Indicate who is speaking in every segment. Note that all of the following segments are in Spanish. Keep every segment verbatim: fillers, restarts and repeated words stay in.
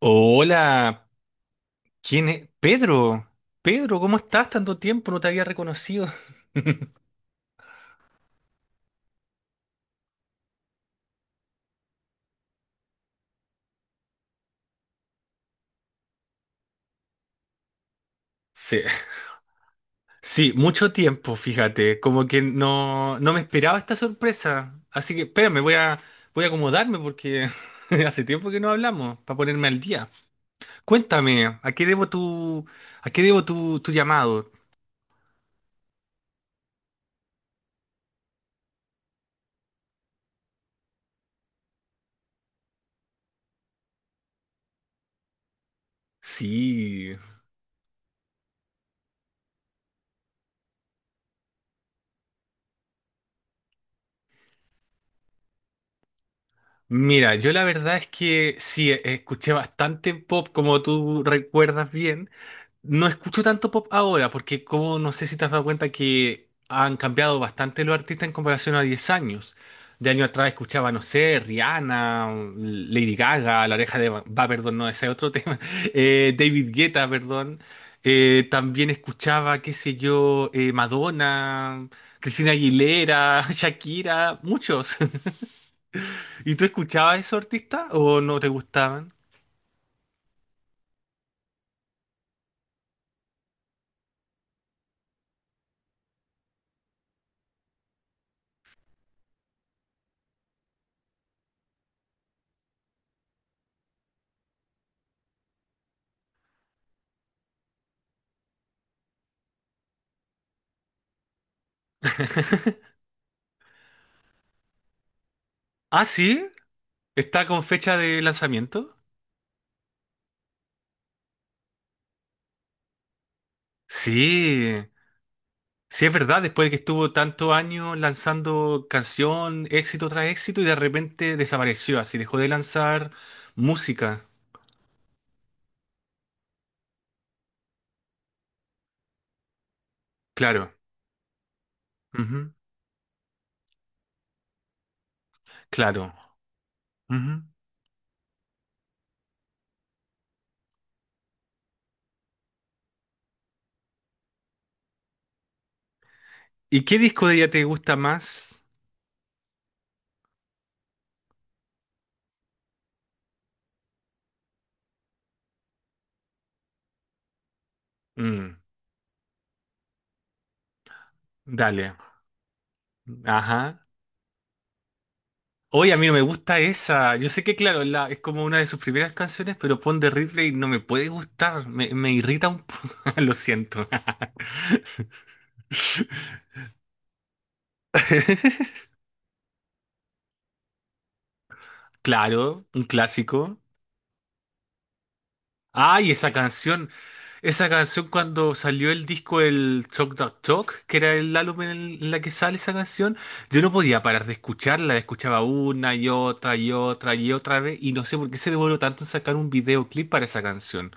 Speaker 1: Hola, ¿quién es? Pedro, Pedro, ¿cómo estás? Tanto tiempo, no te había reconocido. Sí, sí, mucho tiempo, fíjate, como que no, no me esperaba esta sorpresa. Así que, espérame, voy a, voy a acomodarme porque hace tiempo que no hablamos, para ponerme al día. Cuéntame, ¿a qué debo tu, a qué debo tu, tu llamado? Sí, mira, yo la verdad es que sí, e- escuché bastante pop, como tú recuerdas bien. No escucho tanto pop ahora porque como no sé si te has dado cuenta que han cambiado bastante los artistas en comparación a diez años. De año atrás escuchaba, no sé, Rihanna, Lady Gaga, La Oreja de Va, Va, perdón, no, ese es otro tema. Eh, David Guetta, perdón. Eh, también escuchaba, qué sé yo, eh, Madonna, Cristina Aguilera, Shakira, muchos. ¿Y tú escuchabas esos artistas o no te gustaban? Ah, sí, está con fecha de lanzamiento. Sí, sí es verdad, después de que estuvo tantos años lanzando canción, éxito tras éxito, y de repente desapareció, así dejó de lanzar música. Claro, ujú, claro. Ujú. ¿Y qué disco de ella te gusta más? Mm, dale, ajá. Oye, a mí no me gusta esa. Yo sé que, claro, la- es como una de sus primeras canciones, pero Pon de Ripley no me puede gustar, me, me irrita un poco, lo siento. Claro, un clásico. Ay, esa canción. Esa canción cuando salió el disco el Talk That Talk, que era el álbum en, el- en la que sale esa canción, yo no podía parar de escucharla, escuchaba una y otra y otra y otra vez y no sé por qué se demoró tanto en sacar un videoclip para esa canción.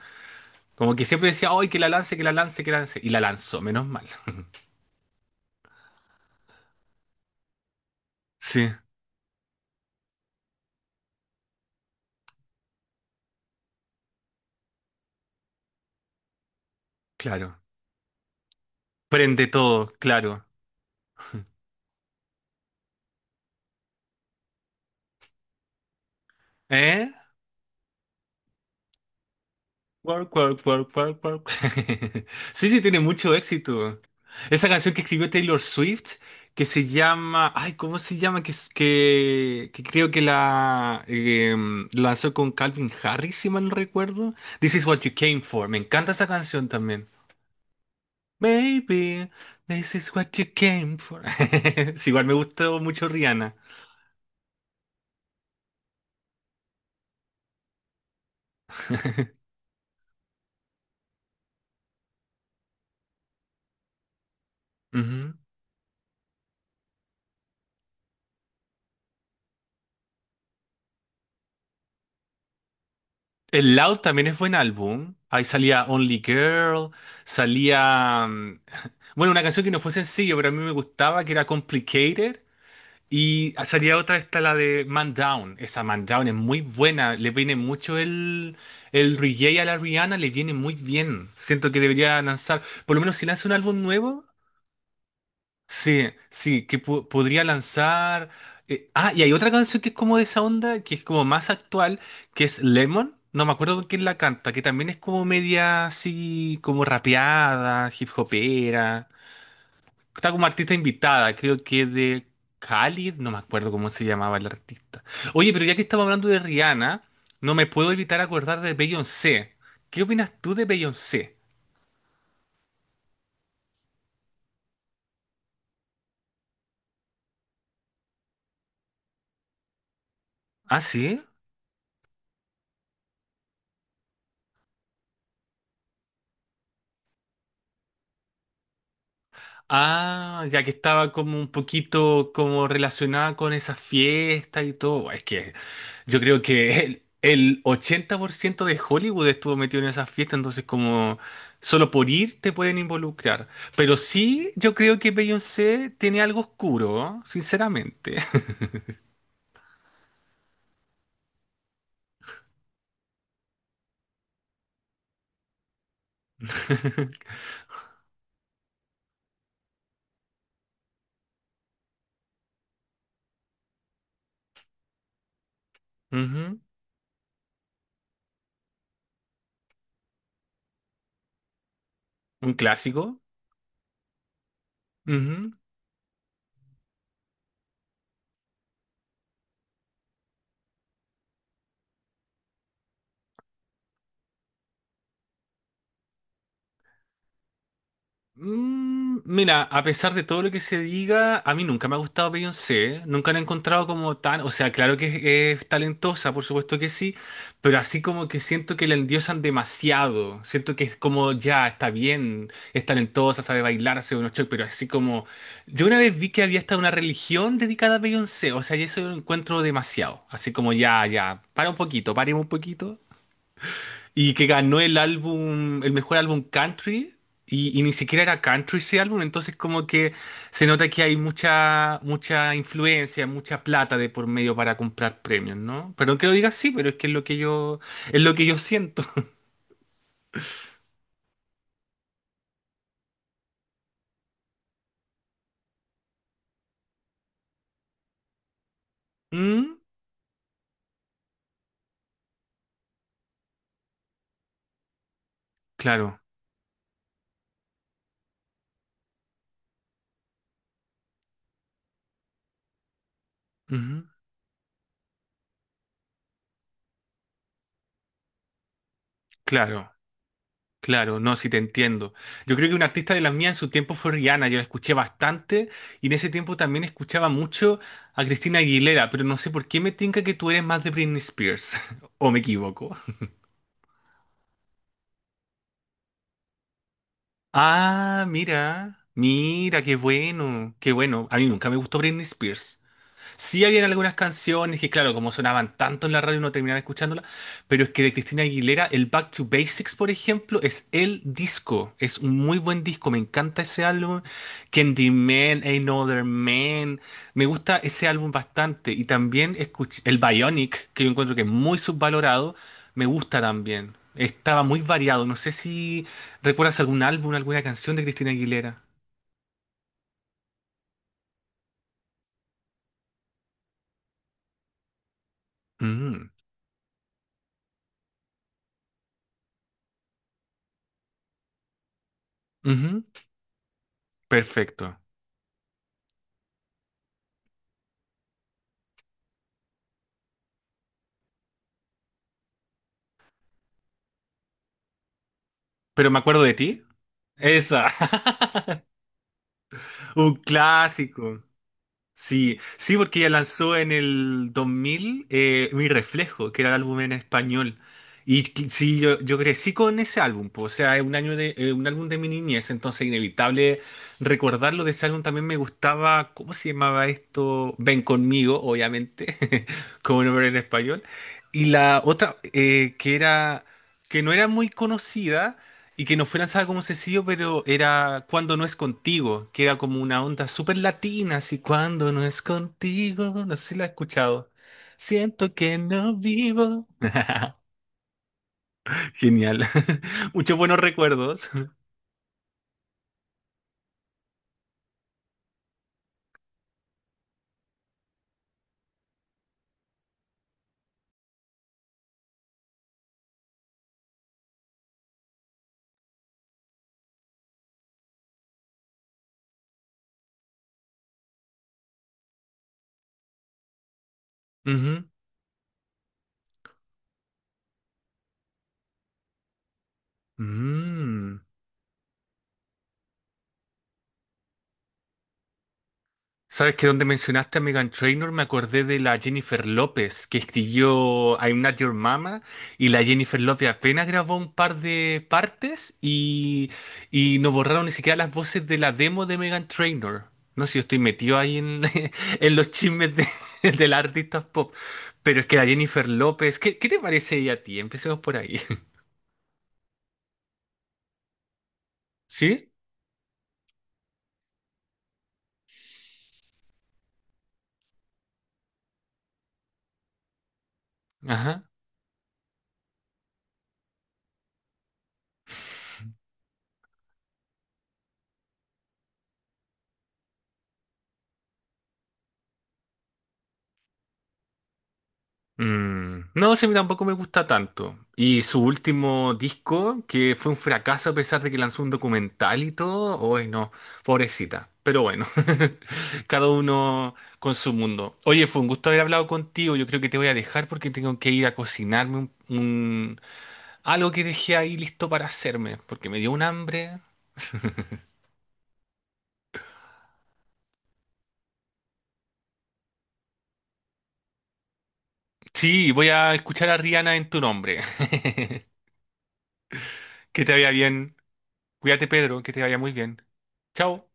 Speaker 1: Como que siempre decía, ¡ay, que la lance, que la lance, que la lance! Y la lanzó, menos mal. Sí, claro. Prende todo, claro. ¿Eh? Work, work, work, work, work. Sí, sí, tiene mucho éxito. Esa canción que escribió Taylor Swift, que se llama. Ay, ¿cómo se llama? Que, es- que, que creo que la eh, mm, lanzó con Calvin Harris, si mal no recuerdo. This is what you came for. Me encanta esa canción también. Baby, this is what you came for. Sí, igual me gustó mucho Rihanna. Ujú. El Loud también es buen álbum. Ahí salía Only Girl, salía... mm, bueno, una canción que no fue sencillo, pero a mí me gustaba, que era Complicated. Y salía otra, esta la de Man Down. Esa Man Down es muy buena. Le viene mucho el, el reggae a la Rihanna, le viene muy bien. Siento que debería lanzar, por lo menos si lanza un álbum nuevo, sí, sí, que po- podría lanzar. Eh, ah, y hay otra canción que es como de esa onda, que es como más actual, que es Lemon. No me acuerdo con quién la canta, que también es como media así, como rapeada, hip hopera. Está como artista invitada, creo que de Khalid, no me acuerdo cómo se llamaba el artista. Oye, pero ya que estamos hablando de Rihanna, no me puedo evitar acordar de Beyoncé. ¿Qué opinas tú de Beyoncé? Ah, sí. Ah, ya que estaba como un poquito como relacionada con esa fiesta y todo. Es que yo creo que el, el ochenta por ciento de Hollywood estuvo metido en esa fiesta, entonces como solo por ir te pueden involucrar. Pero sí, yo creo que Beyoncé tiene algo oscuro, ¿no? Sinceramente. Ujú. Un clásico. Mm, Mira, a pesar de todo lo que se diga, a mí nunca me ha gustado Beyoncé, nunca la he encontrado como tan, o sea, claro que es, es talentosa, por supuesto que sí, pero así como que siento que la endiosan demasiado, siento que es como ya, está bien, es talentosa, sabe bailar, hace unos shows, pero así como, yo una vez vi que había hasta una religión dedicada a Beyoncé, o sea, y eso lo encuentro demasiado, así como ya, ya, para un poquito, paremos un poquito y que ganó el álbum, el mejor álbum country, y, y ni siquiera era country ese álbum, entonces como que se nota que hay mucha, mucha influencia, mucha plata de por medio para comprar premios, ¿no? Perdón que lo diga así, pero es que es lo que yo, es lo que yo siento. Mm, claro, ujú, claro. Claro, no, sí te entiendo. Yo creo que un artista de la mía en su tiempo fue Rihanna, yo la escuché bastante y en ese tiempo también escuchaba mucho a Cristina Aguilera, pero no sé por qué me tinca que tú eres más de Britney Spears, o me equivoco. Ah, mira, mira, qué bueno, qué bueno. A mí nunca me gustó Britney Spears. Sí habían algunas canciones que, claro, como sonaban tanto en la radio, uno terminaba escuchándolas, pero es que de Cristina Aguilera, el Back to Basics, por ejemplo, es el disco, es un muy buen disco, me encanta ese álbum, Candyman, Ain't No Other Man, me gusta ese álbum bastante, y también escuché el Bionic, que yo encuentro que es muy subvalorado, me gusta también, estaba muy variado, no sé si recuerdas algún álbum, alguna canción de Cristina Aguilera. Mm, ujú, perfecto, pero me acuerdo de ti. Esa. Un clásico. Sí, sí, porque ella lanzó en el dos mil eh, Mi Reflejo, que era el álbum en español. Y cl- sí, yo, yo crecí con ese álbum, po, o sea, es un año de, eh, un álbum de mi niñez, entonces inevitable recordarlo de ese álbum. También me gustaba, ¿cómo se llamaba esto? Ven conmigo, obviamente, como nombre en español. Y la otra, eh, que era, que no era muy conocida, y que no fue lanzada como sencillo, pero era Cuando no es contigo, que era como una onda súper latina, así Cuando no es contigo, no sé si la has escuchado. Siento que no vivo. Genial. Muchos buenos recuerdos. Ujú. Mm. Sabes que donde mencionaste a Meghan Trainor me acordé de la Jennifer López que escribió I'm Not Your Mama y la Jennifer López apenas grabó un par de partes y, y no borraron ni siquiera las voces de la demo de Meghan Trainor. No sé si yo estoy metido ahí en, en los chismes de, de las artistas pop, pero es que la Jennifer López, ¿qué, qué te parece ella a ti? Empecemos por ahí. ¿Sí? Mm, no, sí, a tampoco me gusta tanto. Y su último disco, que fue un fracaso a pesar de que lanzó un documental y todo, hoy no, pobrecita. Pero bueno, cada uno con su mundo. Oye, fue un gusto haber hablado contigo. Yo creo que te voy a dejar porque tengo que ir a cocinarme un, un- algo que dejé ahí listo para hacerme, porque me dio un hambre. Sí, voy a escuchar a Rihanna en tu nombre. Que te vaya bien. Cuídate, Pedro, que te vaya muy bien. Chao.